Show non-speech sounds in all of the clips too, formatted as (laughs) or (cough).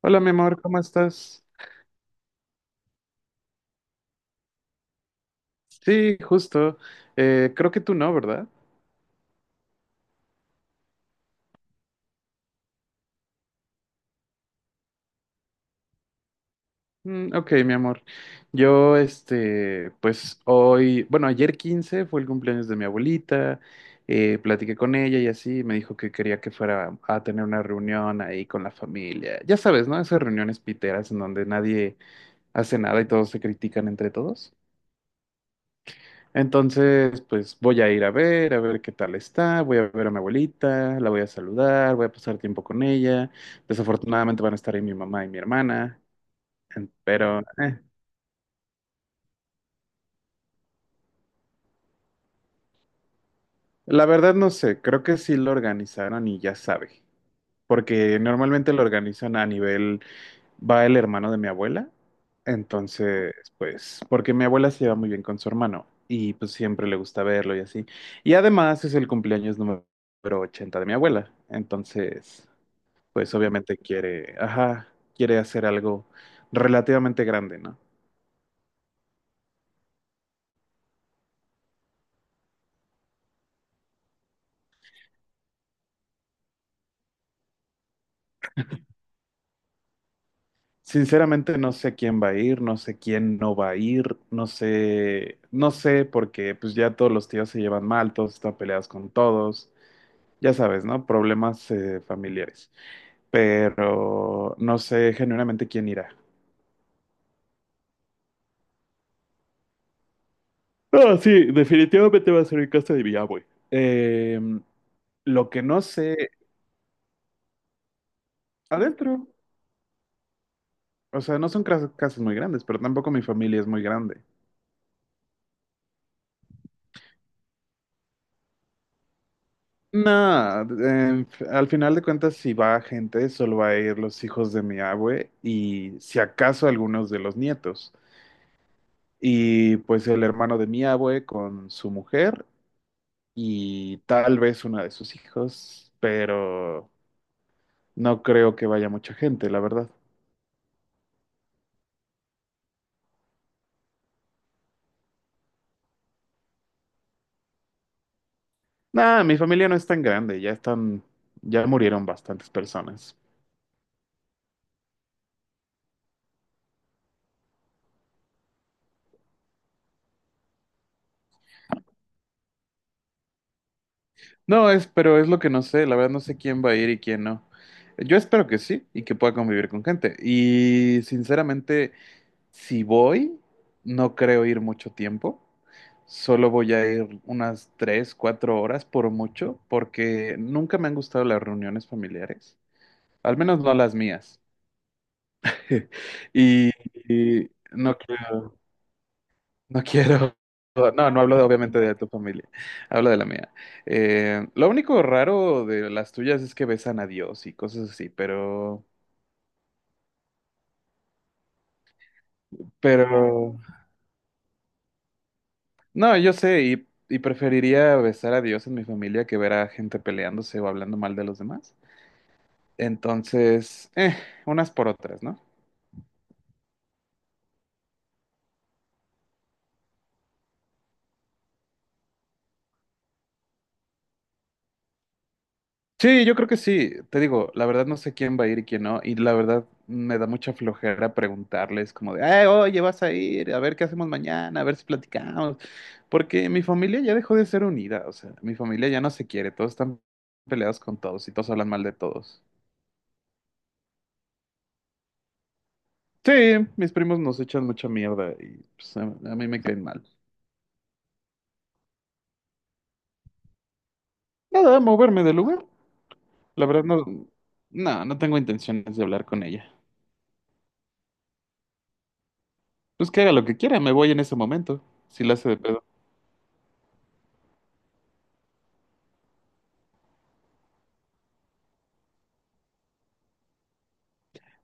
Hola, mi amor, ¿cómo estás? Sí, justo. Creo que tú no, ¿verdad? Mm, ok, mi amor. Yo, este, pues hoy, bueno, ayer 15 fue el cumpleaños de mi abuelita, platiqué con ella y así, me dijo que quería que fuera a tener una reunión ahí con la familia. Ya sabes, ¿no? Esas reuniones piteras en donde nadie hace nada y todos se critican entre todos. Entonces, pues voy a ir a ver qué tal está, voy a ver a mi abuelita, la voy a saludar, voy a pasar tiempo con ella. Desafortunadamente van a estar ahí mi mamá y mi hermana, pero la verdad no sé, creo que sí lo organizaron y ya sabe, porque normalmente lo organizan a nivel, va el hermano de mi abuela, entonces, pues, porque mi abuela se lleva muy bien con su hermano y pues siempre le gusta verlo y así. Y además es el cumpleaños número 80 de mi abuela, entonces, pues obviamente quiere, ajá, quiere hacer algo relativamente grande, ¿no? Sinceramente no sé quién va a ir, no sé quién no va a ir, no sé, no sé porque pues ya todos los tíos se llevan mal, todos están peleados con todos, ya sabes, ¿no? Problemas familiares, pero no sé genuinamente quién irá. No, sí, definitivamente va a ser en casa de mi abue. Lo que no sé, adentro, o sea, no son casas muy grandes, pero tampoco mi familia es muy grande. No, al final de cuentas, si va gente, solo va a ir los hijos de mi abue y si acaso algunos de los nietos. Y pues el hermano de mi abue con su mujer y tal vez una de sus hijos, pero no creo que vaya mucha gente, la verdad. Nada, mi familia no es tan grande, ya están, ya murieron bastantes personas. No, es, pero es lo que no sé, la verdad no sé quién va a ir y quién no. Yo espero que sí y que pueda convivir con gente. Y sinceramente, si voy, no creo ir mucho tiempo. Solo voy a ir unas 3, 4 horas por mucho, porque nunca me han gustado las reuniones familiares, al menos no las mías. (laughs) Y, y no creo. No quiero. No, no obviamente de tu familia, hablo de la mía. Lo único raro de las tuyas es que besan a Dios y cosas así, pero, pero, no, yo sé y preferiría besar a Dios en mi familia que ver a gente peleándose o hablando mal de los demás. Entonces, unas por otras, ¿no? Sí, yo creo que sí. Te digo, la verdad no sé quién va a ir y quién no. Y la verdad me da mucha flojera preguntarles como de, "Ay, oye, vas a ir, a ver qué hacemos mañana, a ver si platicamos. Porque mi familia ya dejó de ser unida. O sea, mi familia ya no se quiere. Todos están peleados con todos y todos hablan mal de todos. Sí, mis primos nos echan mucha mierda y pues, a mí me caen mal. Nada, moverme del lugar. La verdad no, no, no tengo intenciones de hablar con ella. Pues que haga lo que quiera, me voy en ese momento, si la hace de pedo.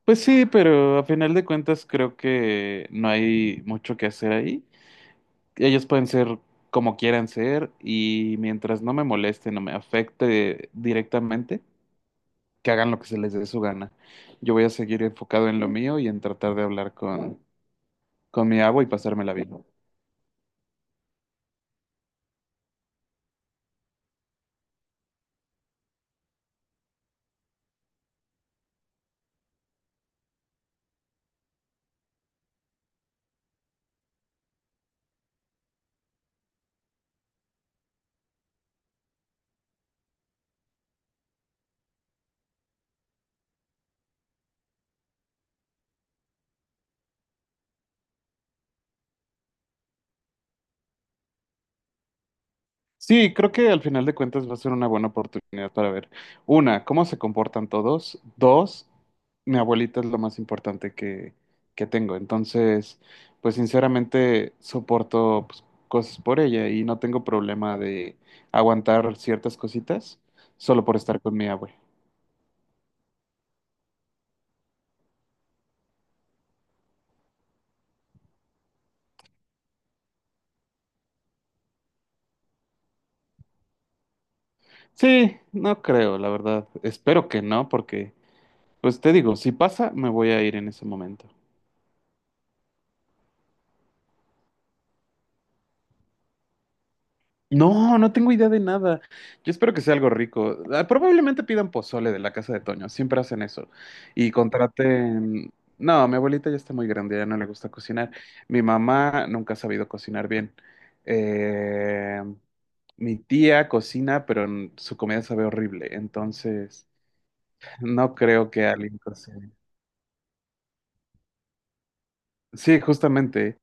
Pues sí, pero a final de cuentas creo que no hay mucho que hacer ahí. Ellos pueden ser como quieran ser y mientras no me moleste, no me afecte directamente, que hagan lo que se les dé su gana. Yo voy a seguir enfocado en lo mío y en tratar de hablar con, mi agua y pasármela bien. Sí, creo que al final de cuentas va a ser una buena oportunidad para ver, una, cómo se comportan todos, dos, mi abuelita es lo más importante que tengo, entonces, pues sinceramente soporto pues, cosas por ella y no tengo problema de aguantar ciertas cositas solo por estar con mi abue. Sí, no creo, la verdad, espero que no, porque, pues te digo, si pasa, me voy a ir en ese momento. No, no tengo idea de nada. Yo espero que sea algo rico. Ah, probablemente pidan pozole de la casa de Toño, siempre hacen eso. Y contraten. No, mi abuelita ya está muy grande, ya no le gusta cocinar. Mi mamá nunca ha sabido cocinar bien. Eh, Mi tía cocina, pero su comida sabe horrible, entonces no creo que alguien cocine. Sí, justamente.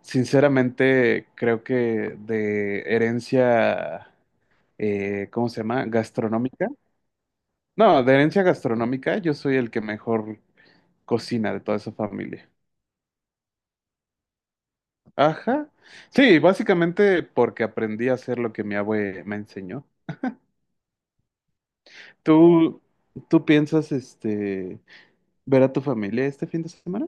Sinceramente, creo que de herencia, ¿cómo se llama? Gastronómica. No, de herencia gastronómica, yo soy el que mejor cocina de toda esa familia. Ajá. Sí, básicamente porque aprendí a hacer lo que mi abue me enseñó. ¿Tú, tú piensas, este, ver a tu familia este fin de semana?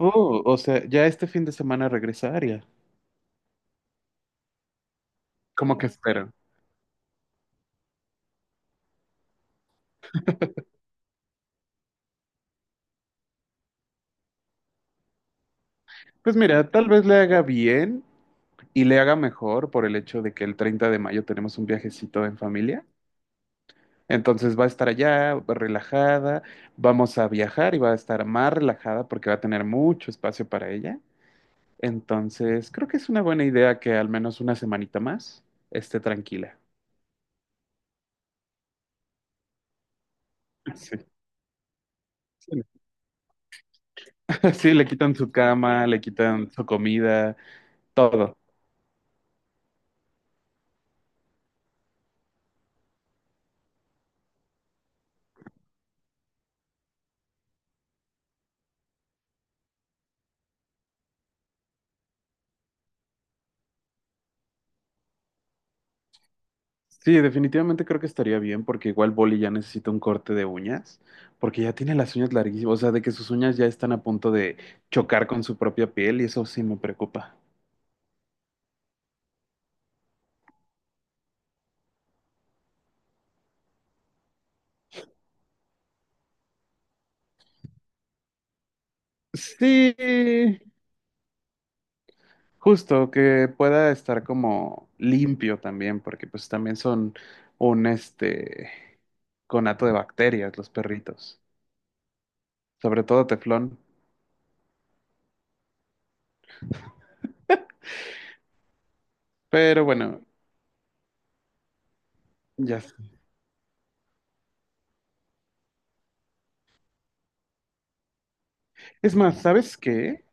Oh, o sea, ya este fin de semana regresaría. ¿Cómo que esperan? Pues mira, tal vez le haga bien y le haga mejor por el hecho de que el 30 de mayo tenemos un viajecito en familia. Entonces va a estar allá relajada, vamos a viajar y va a estar más relajada porque va a tener mucho espacio para ella. Entonces creo que es una buena idea que al menos una semanita más esté tranquila. Sí. (laughs) Sí, le quitan su cama, le quitan su comida, todo. Sí, definitivamente creo que estaría bien porque igual Boli ya necesita un corte de uñas, porque ya tiene las uñas larguísimas, o sea, de que sus uñas ya están a punto de chocar con su propia piel y eso sí me preocupa. Sí, justo, que pueda estar como limpio también, porque pues también son un este conato de bacterias los perritos, sobre todo Teflón. Pero bueno, ya sé. Es más, ¿sabes qué?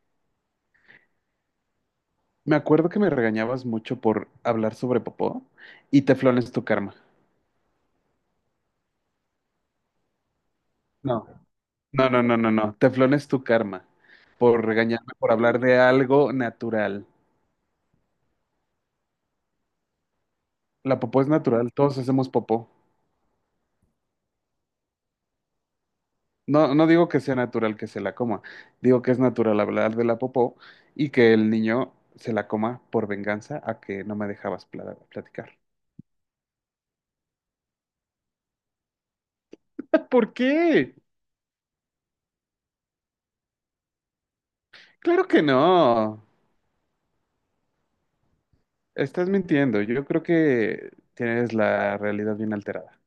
Me acuerdo que me regañabas mucho por hablar sobre popó y Teflón es tu karma. No, no, no, no, no, no. Teflón es tu karma por regañarme por hablar de algo natural. La popó es natural, todos hacemos popó. No, no digo que sea natural que se la coma, digo que es natural hablar de la popó y que el niño se la coma por venganza a que no me dejabas platicar. (laughs) ¿Por qué? Claro que no. Estás mintiendo. Yo creo que tienes la realidad bien alterada.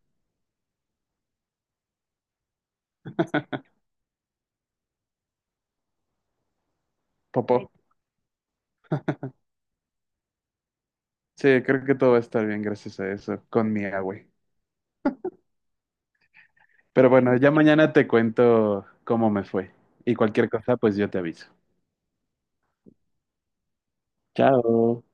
Popó. Sí, creo que todo va a estar bien gracias a eso con mi agüe. Pero bueno, ya mañana te cuento cómo me fue y cualquier cosa, pues yo te aviso. Chao.